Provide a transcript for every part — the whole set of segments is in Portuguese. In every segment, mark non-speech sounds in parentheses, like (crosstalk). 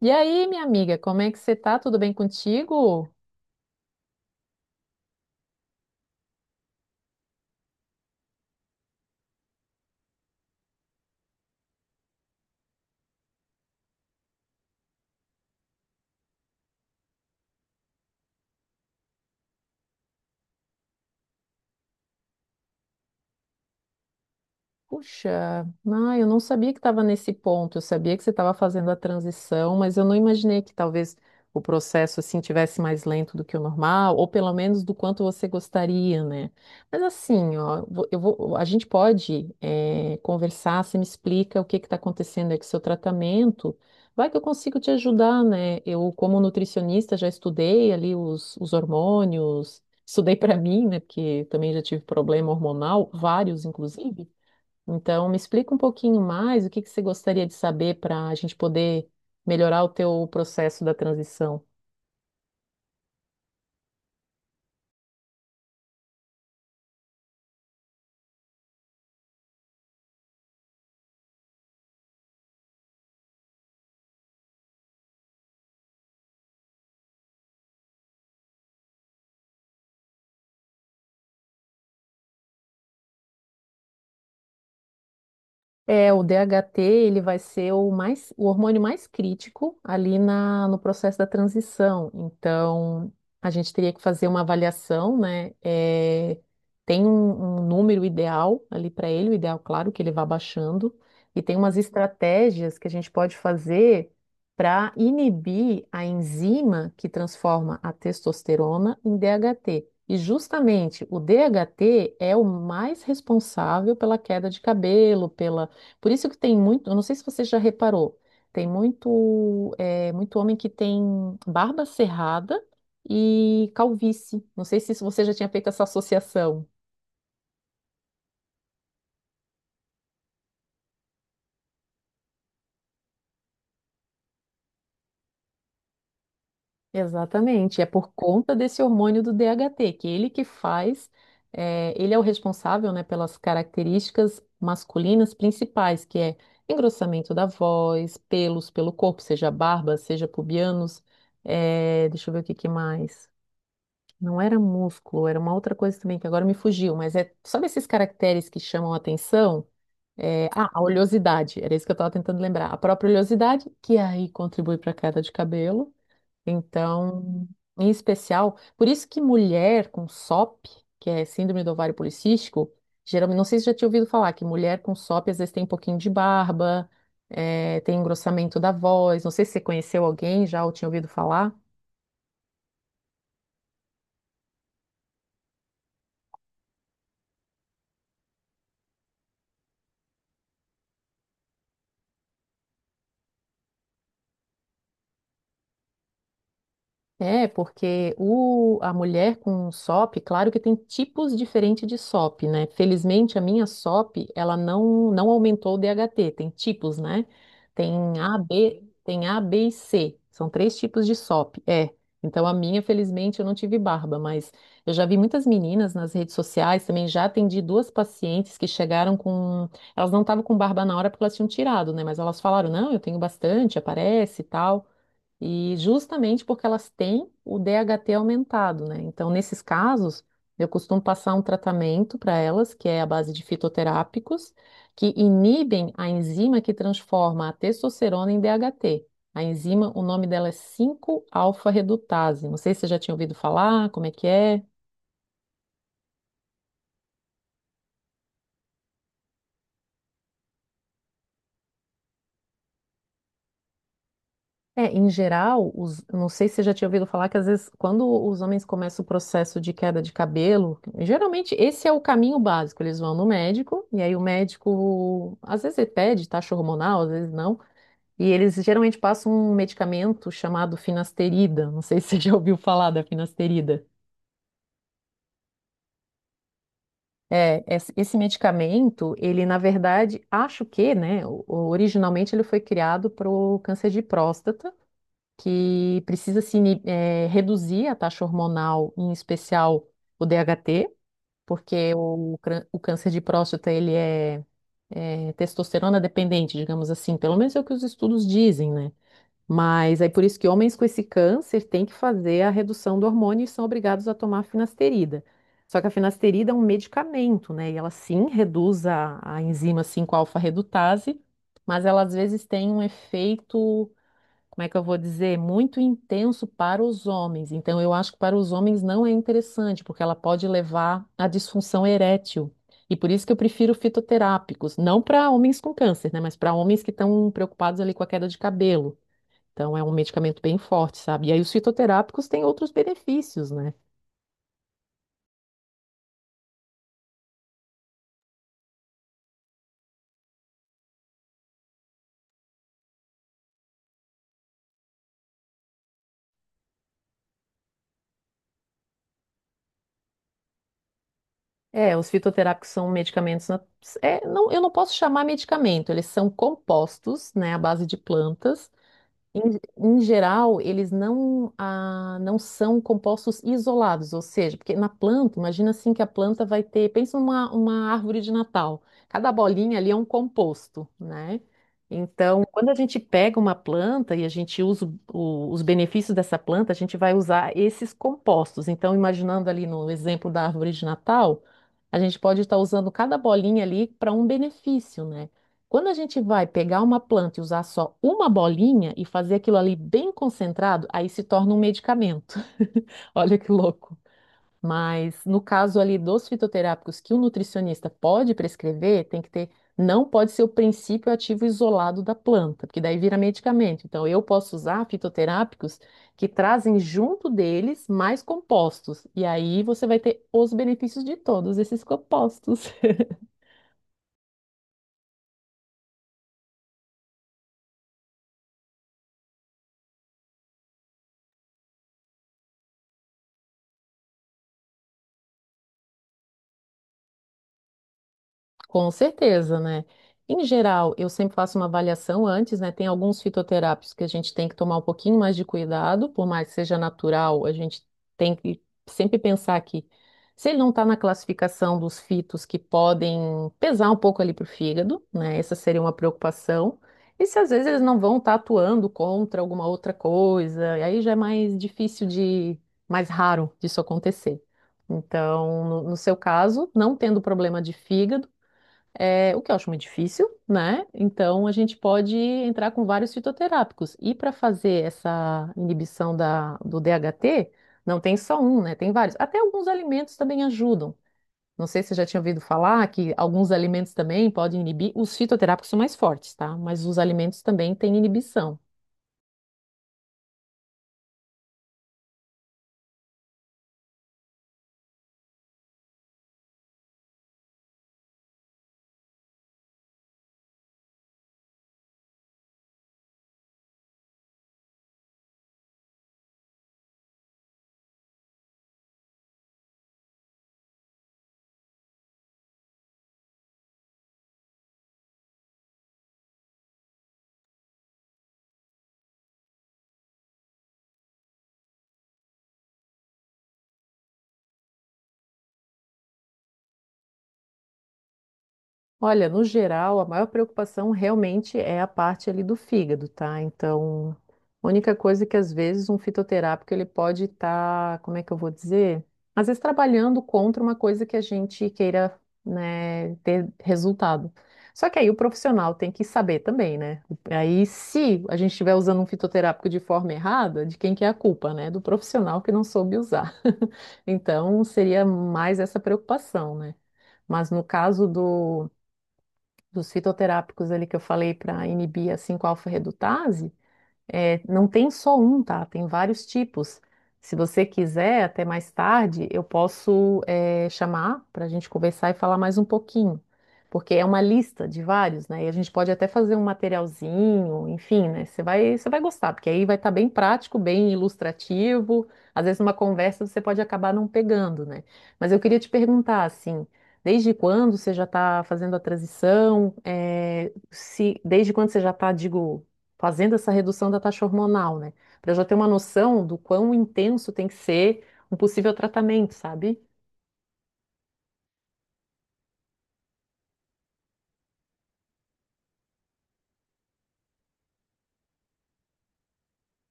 E aí, minha amiga, como é que você tá? Tudo bem contigo? Puxa, eu não sabia que estava nesse ponto. Eu sabia que você estava fazendo a transição, mas eu não imaginei que talvez o processo assim tivesse mais lento do que o normal, ou pelo menos do quanto você gostaria, né? Mas assim, ó, a gente pode conversar. Você me explica o que está acontecendo aí com o seu tratamento. Vai que eu consigo te ajudar, né? Eu, como nutricionista, já estudei ali os hormônios. Estudei para mim, né? Porque também já tive problema hormonal, vários, inclusive. Então, me explica um pouquinho mais o que que você gostaria de saber para a gente poder melhorar o teu processo da transição. O DHT, ele vai ser o hormônio mais crítico ali no processo da transição. Então, a gente teria que fazer uma avaliação, né? É, tem um número ideal ali para ele, o ideal, claro, que ele vá baixando, e tem umas estratégias que a gente pode fazer para inibir a enzima que transforma a testosterona em DHT. E justamente o DHT é o mais responsável pela queda de cabelo, pela por isso que tem muito, eu não sei se você já reparou, tem muito, muito homem que tem barba cerrada e calvície. Não sei se isso você já tinha feito essa associação. Exatamente, é por conta desse hormônio do DHT, que ele que faz, é, ele é o responsável, né, pelas características masculinas principais, que é engrossamento da voz, pelos pelo corpo, seja barba, seja pubianos, é, deixa eu ver o que que mais. Não era músculo, era uma outra coisa também que agora me fugiu, mas é, sabe esses caracteres que chamam a atenção? A oleosidade, era isso que eu estava tentando lembrar. A própria oleosidade, que aí contribui para a queda de cabelo. Então, em especial, por isso que mulher com SOP, que é síndrome do ovário policístico, geralmente, não sei se já tinha ouvido falar, que mulher com SOP às vezes tem um pouquinho de barba, é, tem engrossamento da voz. Não sei se você conheceu alguém já ou tinha ouvido falar. É, porque a mulher com SOP, claro que tem tipos diferentes de SOP, né? Felizmente, a minha SOP, ela não aumentou o DHT, tem tipos, né? Tem tem A, B e C, são três tipos de SOP, é. Então, a minha, felizmente, eu não tive barba, mas eu já vi muitas meninas nas redes sociais, também já atendi duas pacientes que chegaram com... Elas não estavam com barba na hora porque elas tinham tirado, né? Mas elas falaram, não, eu tenho bastante, aparece e tal. E justamente porque elas têm o DHT aumentado, né? Então, nesses casos, eu costumo passar um tratamento para elas, que é a base de fitoterápicos, que inibem a enzima que transforma a testosterona em DHT. A enzima, o nome dela é cinco alfa redutase. Não sei se você já tinha ouvido falar, como é que é? É, em geral, eu não sei se você já tinha ouvido falar que às vezes quando os homens começam o processo de queda de cabelo, geralmente esse é o caminho básico. Eles vão no médico e aí o médico às vezes ele pede taxa hormonal, às vezes não. E eles geralmente passam um medicamento chamado finasterida. Não sei se você (laughs) já ouviu falar da finasterida. É, esse medicamento, ele na verdade, acho que, né, originalmente ele foi criado para o câncer de próstata, que precisa se ini- eh, reduzir a taxa hormonal, em especial o DHT, porque o câncer de próstata ele é, é testosterona dependente, digamos assim, pelo menos é o que os estudos dizem, né? Mas é por isso que homens com esse câncer têm que fazer a redução do hormônio e são obrigados a tomar finasterida. Só que a finasterida é um medicamento, né? E ela sim reduz a enzima cinco alfa redutase, mas ela às vezes tem um efeito, como é que eu vou dizer? Muito intenso para os homens. Então, eu acho que para os homens não é interessante, porque ela pode levar à disfunção erétil. E por isso que eu prefiro fitoterápicos, não para homens com câncer, né? Mas para homens que estão preocupados ali com a queda de cabelo. Então, é um medicamento bem forte, sabe? E aí, os fitoterápicos têm outros benefícios, né? É, os fitoterápicos são medicamentos. Eu não posso chamar medicamento, eles são compostos, né, à base de plantas. Em geral, eles não são compostos isolados, ou seja, porque na planta, imagina assim que a planta vai ter, pensa numa uma árvore de Natal, cada bolinha ali é um composto, né? Então, quando a gente pega uma planta e a gente usa os benefícios dessa planta, a gente vai usar esses compostos. Então, imaginando ali no exemplo da árvore de Natal, a gente pode estar usando cada bolinha ali para um benefício, né? Quando a gente vai pegar uma planta e usar só uma bolinha e fazer aquilo ali bem concentrado, aí se torna um medicamento. (laughs) Olha que louco. Mas no caso ali dos fitoterápicos que o nutricionista pode prescrever, tem que ter, não pode ser o princípio ativo isolado da planta, porque daí vira medicamento. Então eu posso usar fitoterápicos que trazem junto deles mais compostos, e aí você vai ter os benefícios de todos esses compostos. (laughs) Com certeza, né? Em geral, eu sempre faço uma avaliação antes, né? Tem alguns fitoterápicos que a gente tem que tomar um pouquinho mais de cuidado, por mais que seja natural, a gente tem que sempre pensar que se ele não está na classificação dos fitos que podem pesar um pouco ali para o fígado, né? Essa seria uma preocupação. E se às vezes eles não vão estar atuando contra alguma outra coisa, e aí já é mais difícil de, mais raro disso acontecer. Então, no seu caso, não tendo problema de fígado, é, o que eu acho muito difícil, né? Então a gente pode entrar com vários fitoterápicos. E para fazer essa inibição do DHT, não tem só um, né? Tem vários. Até alguns alimentos também ajudam. Não sei se você já tinha ouvido falar que alguns alimentos também podem inibir. Os fitoterápicos são mais fortes, tá? Mas os alimentos também têm inibição. Olha, no geral, a maior preocupação realmente é a parte ali do fígado, tá? Então, a única coisa é que às vezes um fitoterápico ele pode estar, como é que eu vou dizer? Às vezes trabalhando contra uma coisa que a gente queira, né, ter resultado. Só que aí o profissional tem que saber também, né? Aí, se a gente estiver usando um fitoterápico de forma errada, de quem que é a culpa, né? Do profissional que não soube usar. (laughs) Então, seria mais essa preocupação, né? Mas no caso do dos fitoterápicos ali que eu falei para inibir a 5-alfa-redutase, é, não tem só um, tá? Tem vários tipos. Se você quiser, até mais tarde, eu posso, é, chamar para a gente conversar e falar mais um pouquinho, porque é uma lista de vários, né? E a gente pode até fazer um materialzinho, enfim, né? Você vai gostar, porque aí vai estar bem prático, bem ilustrativo. Às vezes, numa conversa, você pode acabar não pegando, né? Mas eu queria te perguntar, assim. Desde quando você já está fazendo a transição? É, se, desde quando você já está, digo, fazendo essa redução da taxa hormonal, né? Para já ter uma noção do quão intenso tem que ser um possível tratamento, sabe?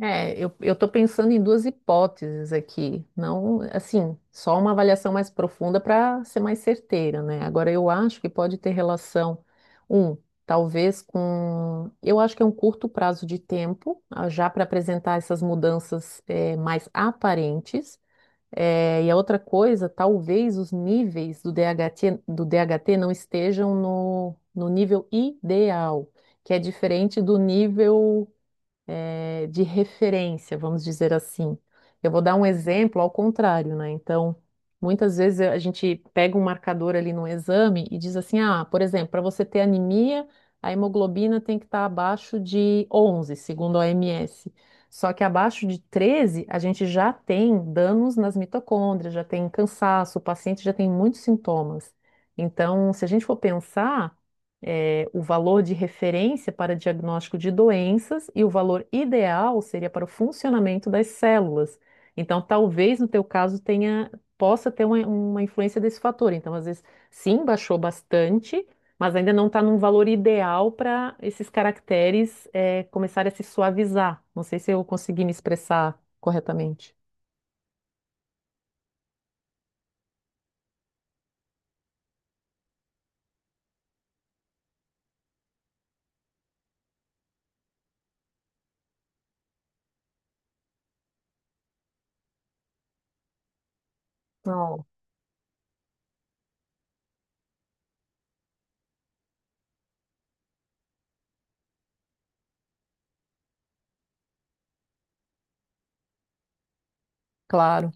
Eu tô pensando em duas hipóteses aqui, não, assim, só uma avaliação mais profunda para ser mais certeira, né? Agora, eu acho que pode ter relação, um, talvez com, eu acho que é um curto prazo de tempo, já para apresentar essas mudanças, mais aparentes. É, e a outra coisa, talvez os níveis do DHT, do DHT não estejam no nível ideal, que é diferente do nível de referência, vamos dizer assim. Eu vou dar um exemplo ao contrário, né? Então, muitas vezes a gente pega um marcador ali no exame e diz assim: ah, por exemplo, para você ter anemia, a hemoglobina tem que estar abaixo de 11, segundo a OMS. Só que abaixo de 13 a gente já tem danos nas mitocôndrias, já tem cansaço, o paciente já tem muitos sintomas. Então, se a gente for pensar. O valor de referência para diagnóstico de doenças e o valor ideal seria para o funcionamento das células. Então, talvez no teu caso tenha, possa ter uma influência desse fator. Então, às vezes, sim, baixou bastante, mas ainda não está num valor ideal para esses caracteres começarem a se suavizar. Não sei se eu consegui me expressar corretamente. Não, Claro.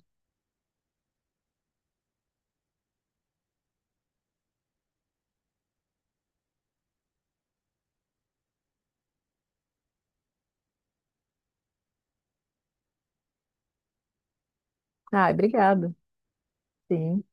Ah, obrigada. Sim.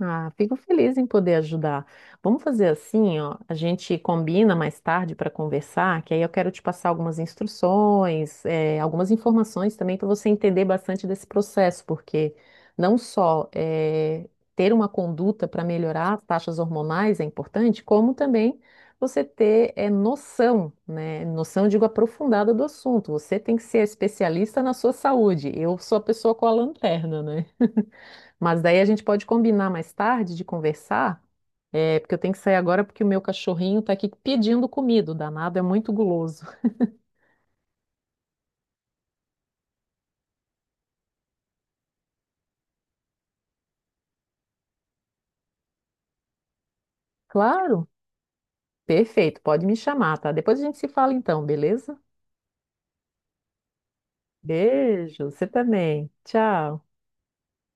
Ah, fico feliz em poder ajudar. Vamos fazer assim, ó, a gente combina mais tarde para conversar, que aí eu quero te passar algumas instruções, algumas informações também para você entender bastante desse processo, porque não só ter uma conduta para melhorar as taxas hormonais é importante, como também você ter noção, né? Noção, eu digo, aprofundada do assunto. Você tem que ser especialista na sua saúde. Eu sou a pessoa com a lanterna, né? Mas daí a gente pode combinar mais tarde de conversar, é, porque eu tenho que sair agora porque o meu cachorrinho está aqui pedindo comida, o danado é muito guloso. (laughs) Claro, perfeito, pode me chamar, tá? Depois a gente se fala então, beleza? Beijo, você também. Tchau.